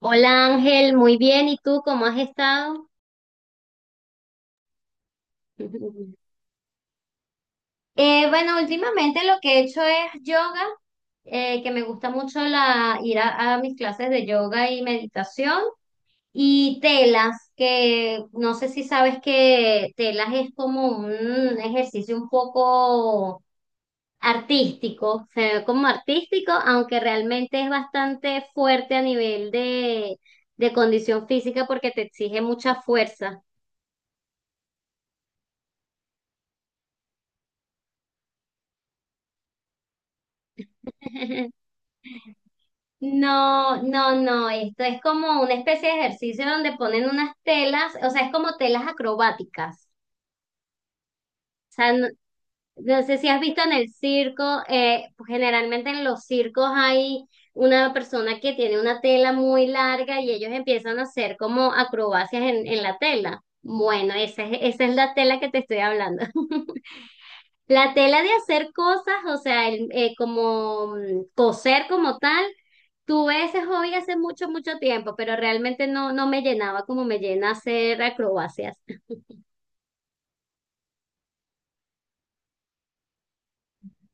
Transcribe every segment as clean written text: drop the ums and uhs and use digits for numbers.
Hola Ángel, muy bien. ¿Y tú cómo has estado? Bueno, últimamente lo que he hecho es yoga, que me gusta mucho ir a mis clases de yoga y meditación, y telas, que no sé si sabes que telas es como un ejercicio un poco artístico, se ve como artístico, aunque realmente es bastante fuerte a nivel de condición física porque te exige mucha fuerza. No, no, no, esto es como una especie de ejercicio donde ponen unas telas, o sea, es como telas acrobáticas. O sea, no, no sé si has visto en el circo, pues generalmente en los circos hay una persona que tiene una tela muy larga y ellos empiezan a hacer como acrobacias en la tela. Bueno, esa es la tela que te estoy hablando. La tela de hacer cosas, o sea, como coser como tal. Tuve ese hobby hace mucho, mucho tiempo, pero realmente no, no me llenaba como me llena hacer acrobacias.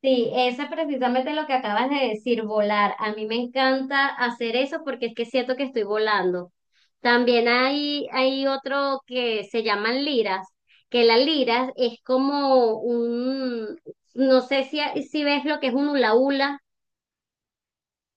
Sí, eso es precisamente lo que acabas de decir, volar. A mí me encanta hacer eso porque es que siento que estoy volando. También hay otro que se llaman liras, que la lira es como no sé si ves lo que es un hula hula.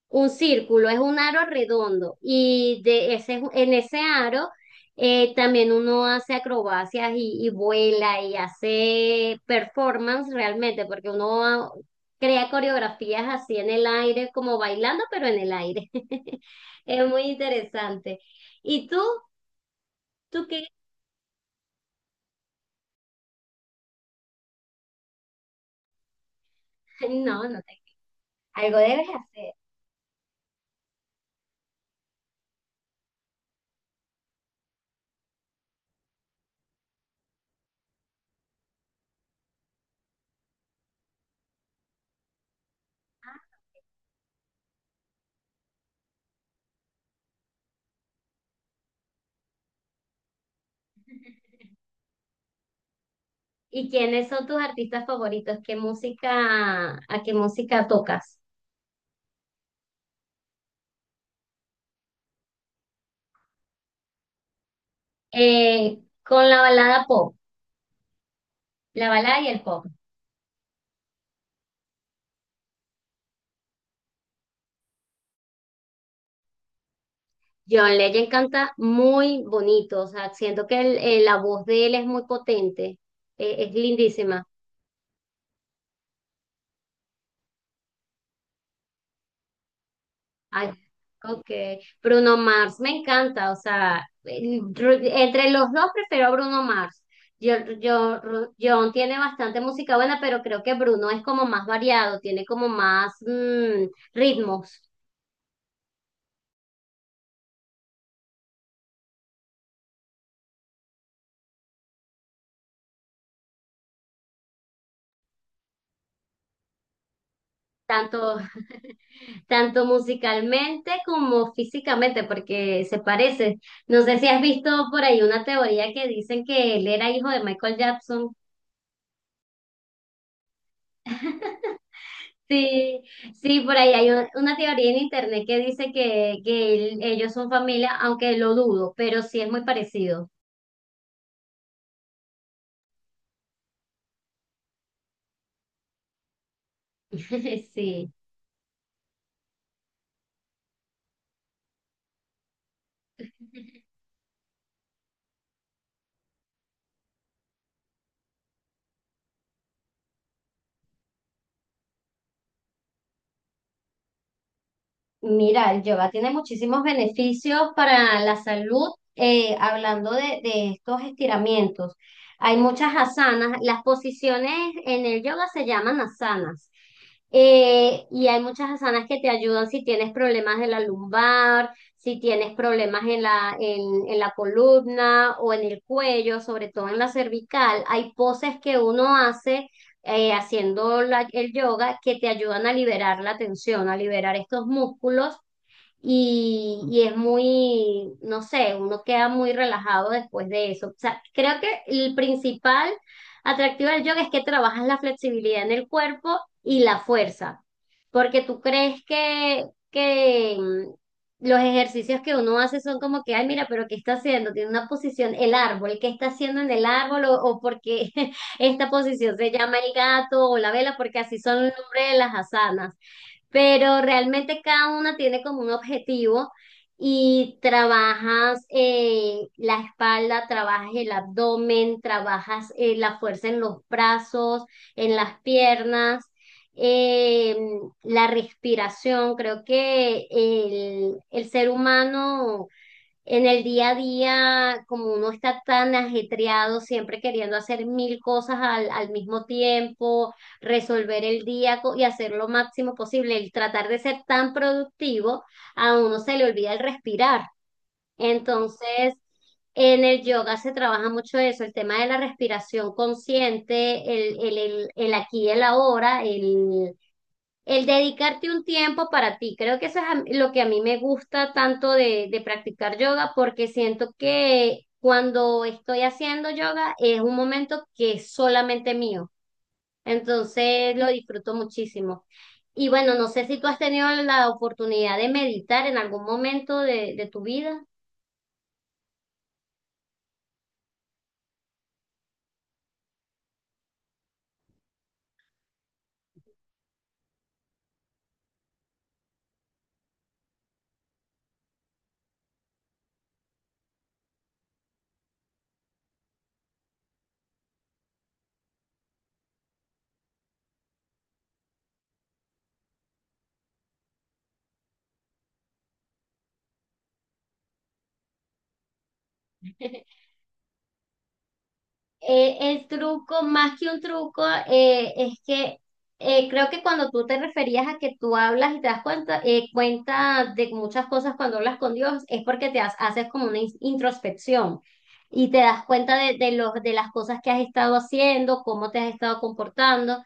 Un círculo es un aro redondo y de en ese aro también uno hace acrobacias y vuela y hace performance realmente, porque uno crea coreografías así en el aire, como bailando, pero en el aire. Es muy interesante. ¿Y tú? ¿Tú qué? No, no te... Algo debes hacer. ¿Y quiénes son tus artistas favoritos? ¿Qué música, a qué música tocas? Con la balada pop. La balada y el pop. John Legend canta muy bonito, o sea, siento que la voz de él es muy potente, es lindísima. Ay, ok. Bruno Mars me encanta, o sea, entre los dos prefiero a Bruno Mars. John tiene bastante música buena, pero creo que Bruno es como más variado, tiene como más ritmos, tanto tanto musicalmente como físicamente, porque se parece. No sé si has visto por ahí una teoría que dicen que él era hijo de Michael Jackson. Sí, sí, por ahí hay una teoría en internet que dice que ellos son familia, aunque lo dudo, pero sí es muy parecido. Sí. Mira, el yoga tiene muchísimos beneficios para la salud, hablando de estos estiramientos. Hay muchas asanas, las posiciones en el yoga se llaman asanas. Y hay muchas asanas que te ayudan si tienes problemas de la lumbar, si tienes problemas en en la columna o en el cuello, sobre todo en la cervical. Hay poses que uno hace haciendo el yoga que te ayudan a liberar la tensión, a liberar estos músculos y es muy, no sé, uno queda muy relajado después de eso. O sea, creo que el principal atractivo del yoga es que trabajas la flexibilidad en el cuerpo y la fuerza, porque tú crees que los ejercicios que uno hace son como que, ay, mira, pero ¿qué está haciendo? Tiene una posición, el árbol, ¿qué está haciendo en el árbol? O porque esta posición se llama el gato o la vela, porque así son el nombre de las asanas, pero realmente cada una tiene como un objetivo y trabajas la espalda, trabajas el abdomen, trabajas la fuerza en los brazos, en las piernas, eh, la respiración. Creo que el ser humano en el día a día, como uno está tan ajetreado, siempre queriendo hacer mil cosas al mismo tiempo, resolver el día y hacer lo máximo posible, el tratar de ser tan productivo, a uno se le olvida el respirar. Entonces, en el yoga se trabaja mucho eso, el tema de la respiración consciente, el aquí y el ahora, el dedicarte un tiempo para ti, creo que eso es lo que a mí me gusta tanto de practicar yoga, porque siento que cuando estoy haciendo yoga es un momento que es solamente mío, entonces lo disfruto muchísimo. Y bueno, no sé si tú has tenido la oportunidad de meditar en algún momento de tu vida. El truco, más que un truco, es que creo que cuando tú te referías a que tú hablas y te das cuenta, cuenta de muchas cosas cuando hablas con Dios, es porque haces como una introspección y te das cuenta de las cosas que has estado haciendo, cómo te has estado comportando.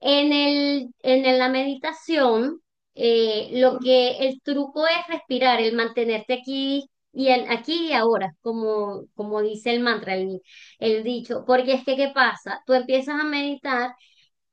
En la meditación, lo que el truco es respirar, el mantenerte aquí aquí y ahora, como, como dice el mantra, el dicho, porque es que, ¿qué pasa? Tú empiezas a meditar.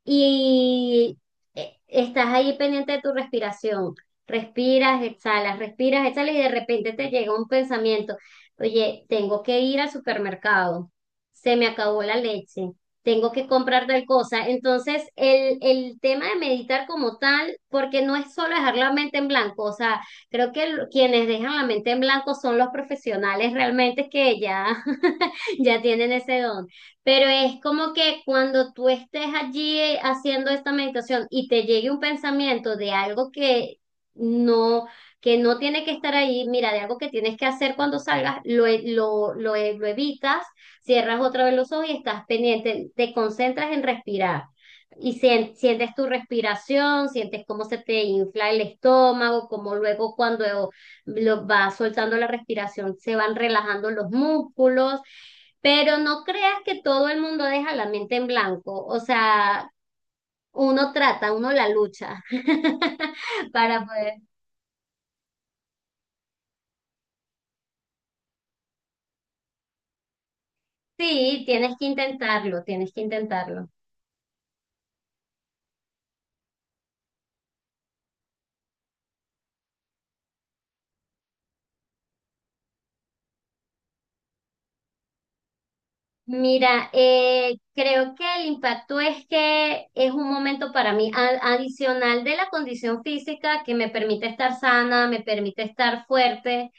Y Estás ahí pendiente de tu respiración. Respiras, exhalas y de repente te llega un pensamiento. Oye, tengo que ir al supermercado. Se me acabó la leche. Tengo que comprar tal cosa. Entonces, el tema de meditar como tal, porque no es solo dejar la mente en blanco. O sea, creo que quienes dejan la mente en blanco son los profesionales realmente que ya, ya tienen ese don, pero es como que cuando tú estés allí haciendo esta meditación y te llegue un pensamiento de algo no, que no tiene que estar ahí, mira, de algo que tienes que hacer cuando salgas, lo evitas, cierras otra vez los ojos y estás pendiente, te concentras en respirar. Y sientes tu respiración, sientes cómo se te infla el estómago, cómo luego cuando lo vas soltando la respiración se van relajando los músculos. Pero no creas que todo el mundo deja la mente en blanco, o sea, uno trata, uno la lucha para poder. Sí, tienes que intentarlo, tienes que intentarlo. Mira, creo que el impacto es que es un momento para mí adicional de la condición física que me permite estar sana, me permite estar fuerte,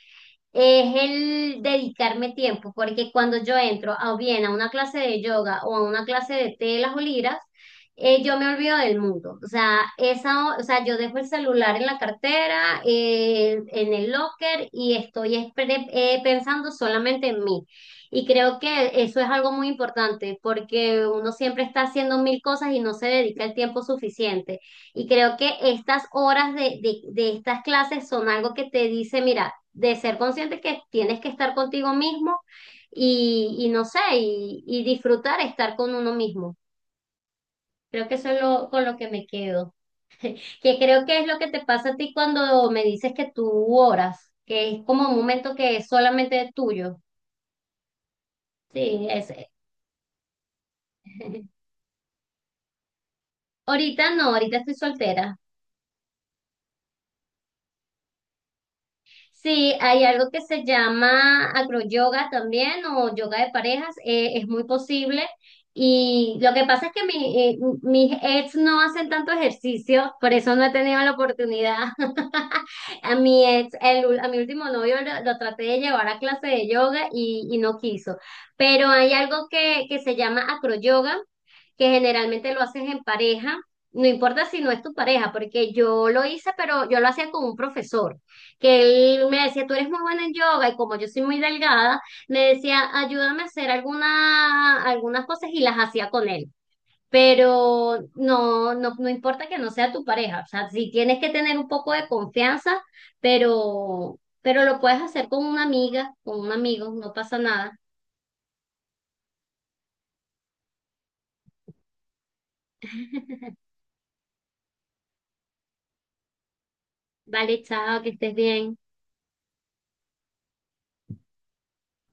es el dedicarme tiempo, porque cuando yo entro bien a una clase de yoga o a una clase de telas o liras, yo me olvido del mundo. O sea, yo dejo el celular en la cartera, en el locker y estoy pensando solamente en mí. Y creo que eso es algo muy importante porque uno siempre está haciendo mil cosas y no se dedica el tiempo suficiente. Y creo que estas horas de estas clases son algo que te dice, mira, de ser consciente que tienes que estar contigo mismo y no sé, y disfrutar estar con uno mismo. Creo que eso es lo, con lo que me quedo. Que creo que es lo que te pasa a ti cuando me dices que tú oras, que es como un momento que es solamente tuyo. Sí, es. Ahorita no, ahorita estoy soltera. Sí, hay algo que se llama acroyoga también o yoga de parejas, es muy posible. Y lo que pasa es que mis ex no hacen tanto ejercicio, por eso no he tenido la oportunidad. A mi ex, a mi último novio lo traté de llevar a clase de yoga y no quiso. Pero hay algo que se llama acroyoga, que generalmente lo haces en pareja, no importa si no es tu pareja, porque yo lo hice, pero yo lo hacía con un profesor, que él me decía, tú eres muy buena en yoga y como yo soy muy delgada, me decía, ayúdame a hacer algunas cosas y las hacía con él. Pero no, no, no importa que no sea tu pareja, o sea, sí tienes que tener un poco de confianza, pero lo puedes hacer con una amiga, con un amigo, no pasa nada. Vale, chao, que estés bien.